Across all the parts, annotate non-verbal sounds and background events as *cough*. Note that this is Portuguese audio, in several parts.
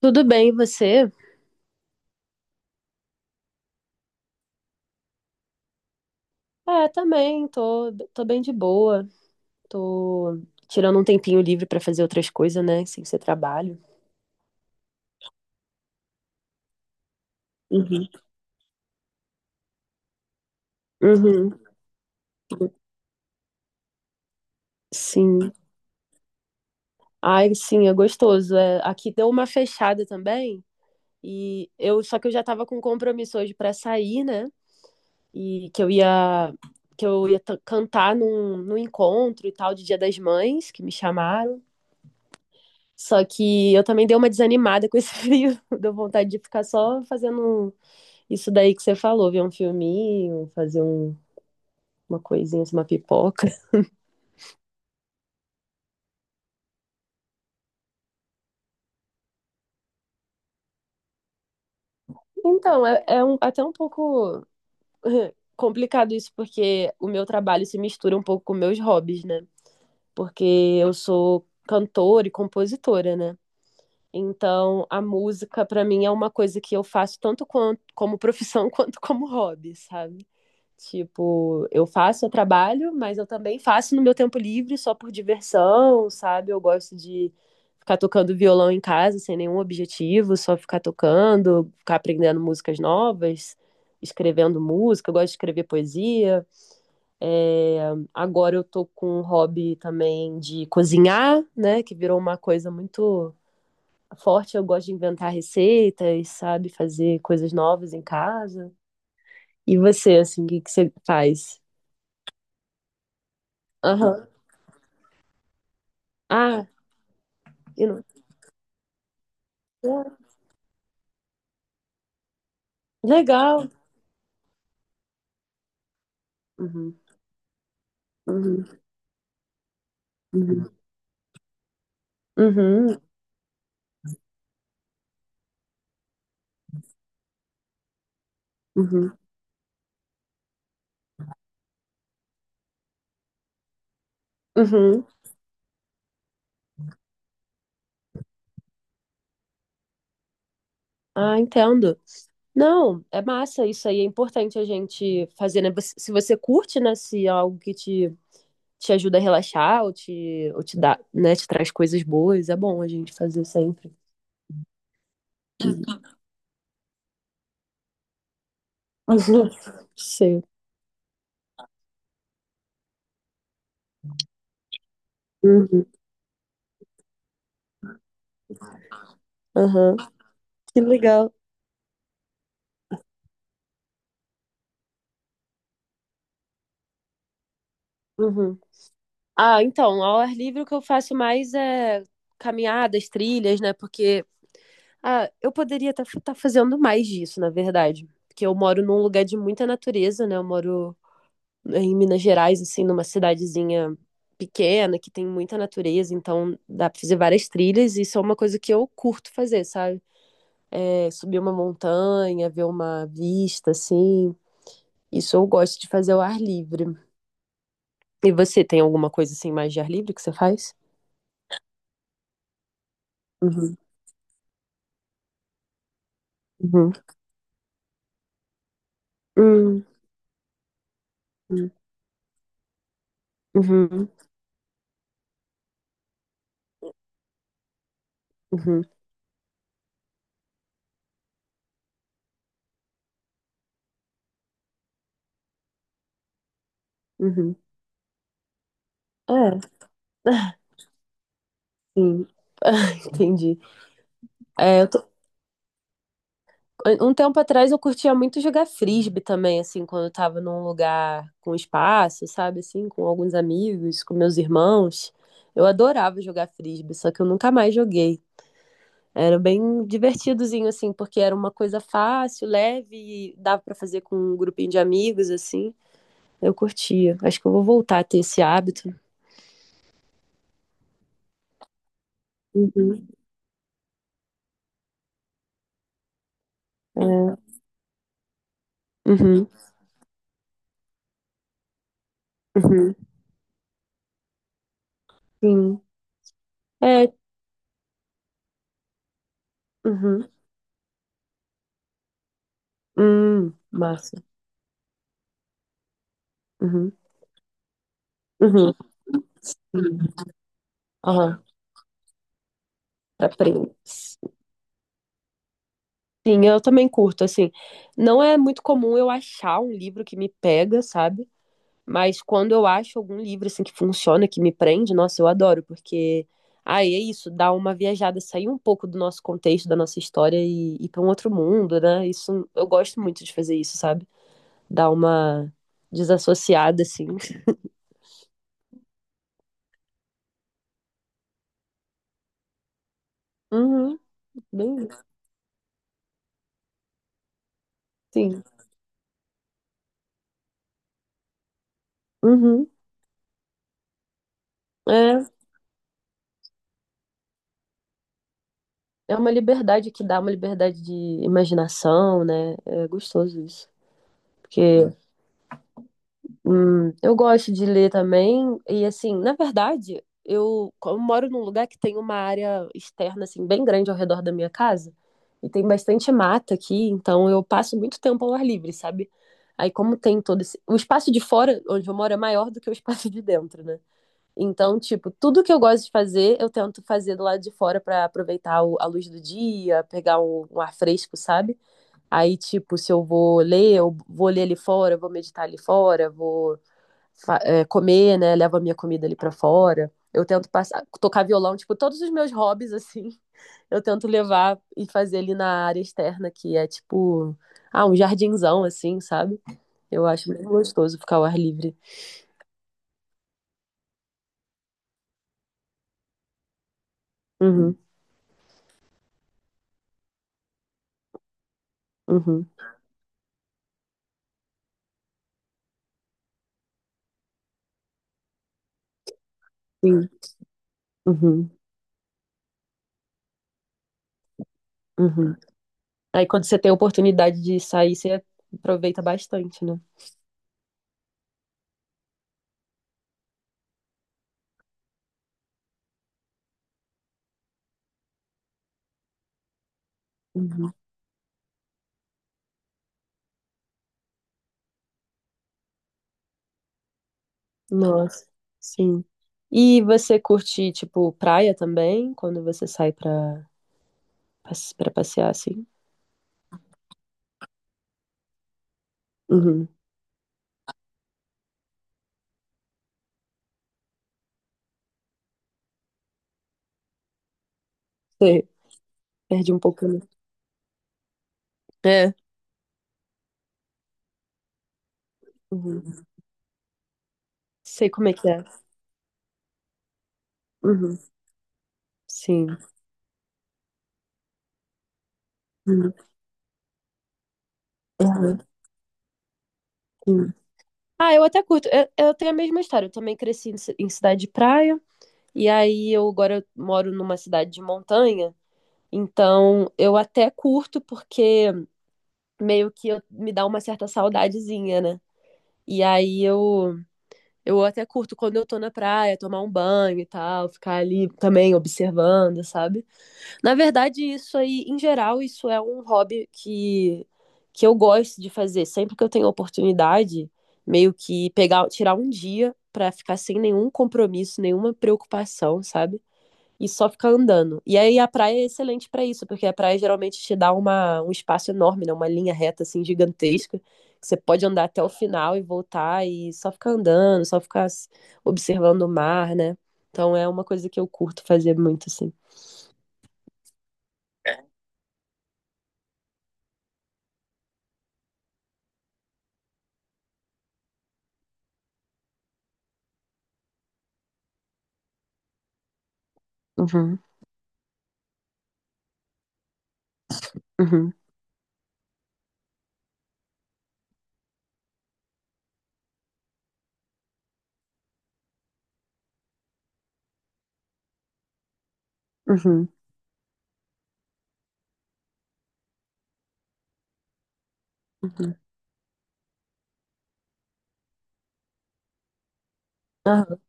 Tudo bem, e você? É, também, tô bem de boa. Tô tirando um tempinho livre pra fazer outras coisas, né? Sem ser trabalho. Uhum. Uhum. Sim. Ai, sim, é gostoso. É, aqui deu uma fechada também. E eu, só que eu já tava com compromisso hoje pra sair, né? E que eu ia que eu ia cantar num encontro e tal de Dia das Mães, que me chamaram. Só que eu também dei uma desanimada com esse *laughs* frio, deu vontade de ficar só fazendo um isso daí que você falou, ver um filminho, fazer um, uma coisinha, assim, uma pipoca. *laughs* Então, é um, até um pouco *laughs* complicado isso, porque o meu trabalho se mistura um pouco com meus hobbies, né? Porque eu sou cantora e compositora, né? Então, a música, para mim, é uma coisa que eu faço tanto quanto, como profissão *laughs* quanto como hobby, sabe? Tipo, eu faço, eu trabalho, mas eu também faço no meu tempo livre só por diversão, sabe? Eu gosto de ficar tocando violão em casa sem nenhum objetivo, só ficar tocando, ficar aprendendo músicas novas, escrevendo música, eu gosto de escrever poesia. É, agora eu tô com um hobby também de cozinhar, né? Que virou uma coisa muito forte. Eu gosto de inventar receitas, sabe? Fazer coisas novas em casa. E você, assim, o que que você faz? Aham. Ah, eu não. Ah, legal. Uhum, uhum, uhum, uhum, uhum, uhum. Ah, entendo. Não, é massa isso aí, é importante a gente fazer, né? Você- se você curte, né, se é algo que te ajuda a relaxar ou te dá, né, te traz coisas boas, é bom a gente fazer sempre. Uhum. *laughs* Sim. Uhum. Aham. Que legal. Uhum. Ah, então, ao ar livre o que eu faço mais é caminhadas, trilhas, né? Porque ah, eu poderia estar fazendo mais disso, na verdade. Porque eu moro num lugar de muita natureza, né? Eu moro em Minas Gerais, assim, numa cidadezinha pequena, que tem muita natureza, então dá pra fazer várias trilhas, e isso é uma coisa que eu curto fazer, sabe? É, subir uma montanha, ver uma vista, assim. Isso eu gosto de fazer ao ar livre. E você tem alguma coisa assim mais de ar livre que você faz? Uhum, uhum, uhum, uhum, uhum, uhum. É. Sim. *laughs* Entendi. É, eu tô- Um tempo atrás eu curtia muito jogar frisbee também, assim, quando eu tava num lugar com espaço, sabe, assim, com alguns amigos, com meus irmãos. Eu adorava jogar frisbee, só que eu nunca mais joguei. Era bem divertidozinho, assim, porque era uma coisa fácil, leve, e dava pra fazer com um grupinho de amigos, assim. Eu curtia. Acho que eu vou voltar a ter esse hábito. Uhum. É. Uhum. Uhum. Sim. É. Uhum. Massa. Uhum. Uhum. Uhum. Aham. Pra Prince. Sim, eu também curto, assim. Não é muito comum eu achar um livro que me pega, sabe? Mas quando eu acho algum livro, assim, que funciona, que me prende, nossa, eu adoro, porque... aí é isso, dá uma viajada, sair um pouco do nosso contexto, da nossa história e ir para um outro mundo, né? Isso, eu gosto muito de fazer isso, sabe? Dar uma desassociada, assim. Uhum, bem, isso, sim. Uhum. É, é uma liberdade que dá, uma liberdade de imaginação, né? É gostoso isso. Porque é. Hum, eu gosto de ler também, e assim, na verdade, eu, como eu moro num lugar que tem uma área externa, assim, bem grande ao redor da minha casa, e tem bastante mata aqui, então eu passo muito tempo ao ar livre, sabe? Aí, como tem todo esse, o espaço de fora, onde eu moro, é maior do que o espaço de dentro, né? Então, tipo, tudo que eu gosto de fazer, eu tento fazer do lado de fora pra aproveitar o- a luz do dia, pegar um ar fresco, sabe? Aí, tipo, se eu vou ler, eu vou ler ali fora, vou meditar ali fora, vou é, comer, né? Levo a minha comida ali pra fora. Eu tento passar, tocar violão, tipo, todos os meus hobbies, assim, *laughs* eu tento levar e fazer ali na área externa, que é tipo, ah, um jardinzão, assim, sabe? Eu acho muito gostoso ficar ao ar livre. Uhum, uhum, sim, uhum, uhum. Aí quando você tem a oportunidade de sair, você aproveita bastante, né? Uhum. Nossa, sim. E você curte, tipo, praia também, quando você sai pra, pra passear, assim? Uhum. Você perde um pouco, né? É. Uhum. Sei como é que é. Uhum. Sim. Uhum. Uhum. Sim. Ah, eu até curto. Eu tenho a mesma história. Eu também cresci em, em cidade de praia. E aí eu agora moro numa cidade de montanha. Então eu até curto porque meio que eu- me dá uma certa saudadezinha, né? E aí eu até curto quando eu tô na praia, tomar um banho e tal, ficar ali também observando, sabe? Na verdade, isso aí, em geral, isso é um hobby que eu gosto de fazer. Sempre que eu tenho oportunidade, meio que pegar, tirar um dia pra ficar sem nenhum compromisso, nenhuma preocupação, sabe? E só ficar andando. E aí a praia é excelente para isso, porque a praia geralmente te dá uma, um espaço enorme, né? Uma linha reta assim gigantesca, que você pode andar até o final e voltar e só ficar andando, só ficar observando o mar, né? Então é uma coisa que eu curto fazer muito assim. Uhum, uhum, uhum, uhum. Aham.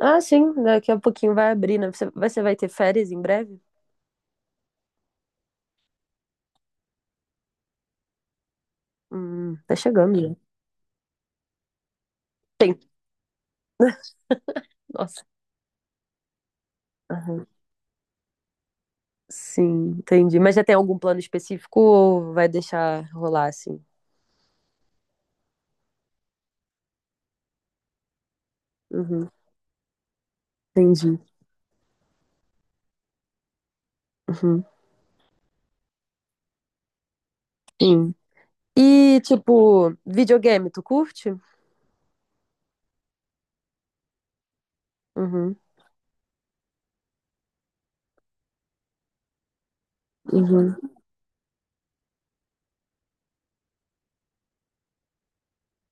Ah, sim, daqui a pouquinho vai abrir, né? Você vai ter férias em breve? Tá chegando já. Tem. Nossa. Aham. Sim, entendi. Mas já tem algum plano específico ou vai deixar rolar assim? Uhum, entendi. Uhum, sim. E, tipo, videogame, tu curte? Uhum, uhum,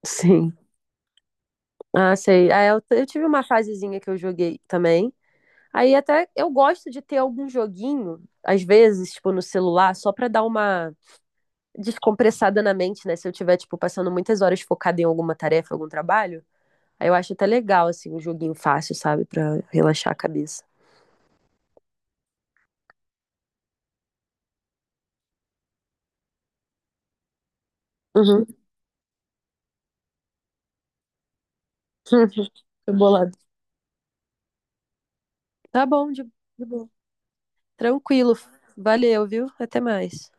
sim. Ah, sei. Ah, eu tive uma fasezinha que eu joguei também. Aí até eu gosto de ter algum joguinho, às vezes, tipo, no celular, só pra dar uma descompressada na mente, né? Se eu tiver, tipo, passando muitas horas focada em alguma tarefa, algum trabalho. Aí eu acho até legal, assim, um joguinho fácil, sabe? Pra relaxar a cabeça. Uhum. *laughs* Foi bolado. Tá bom, de boa. Tranquilo. Valeu, viu? Até mais.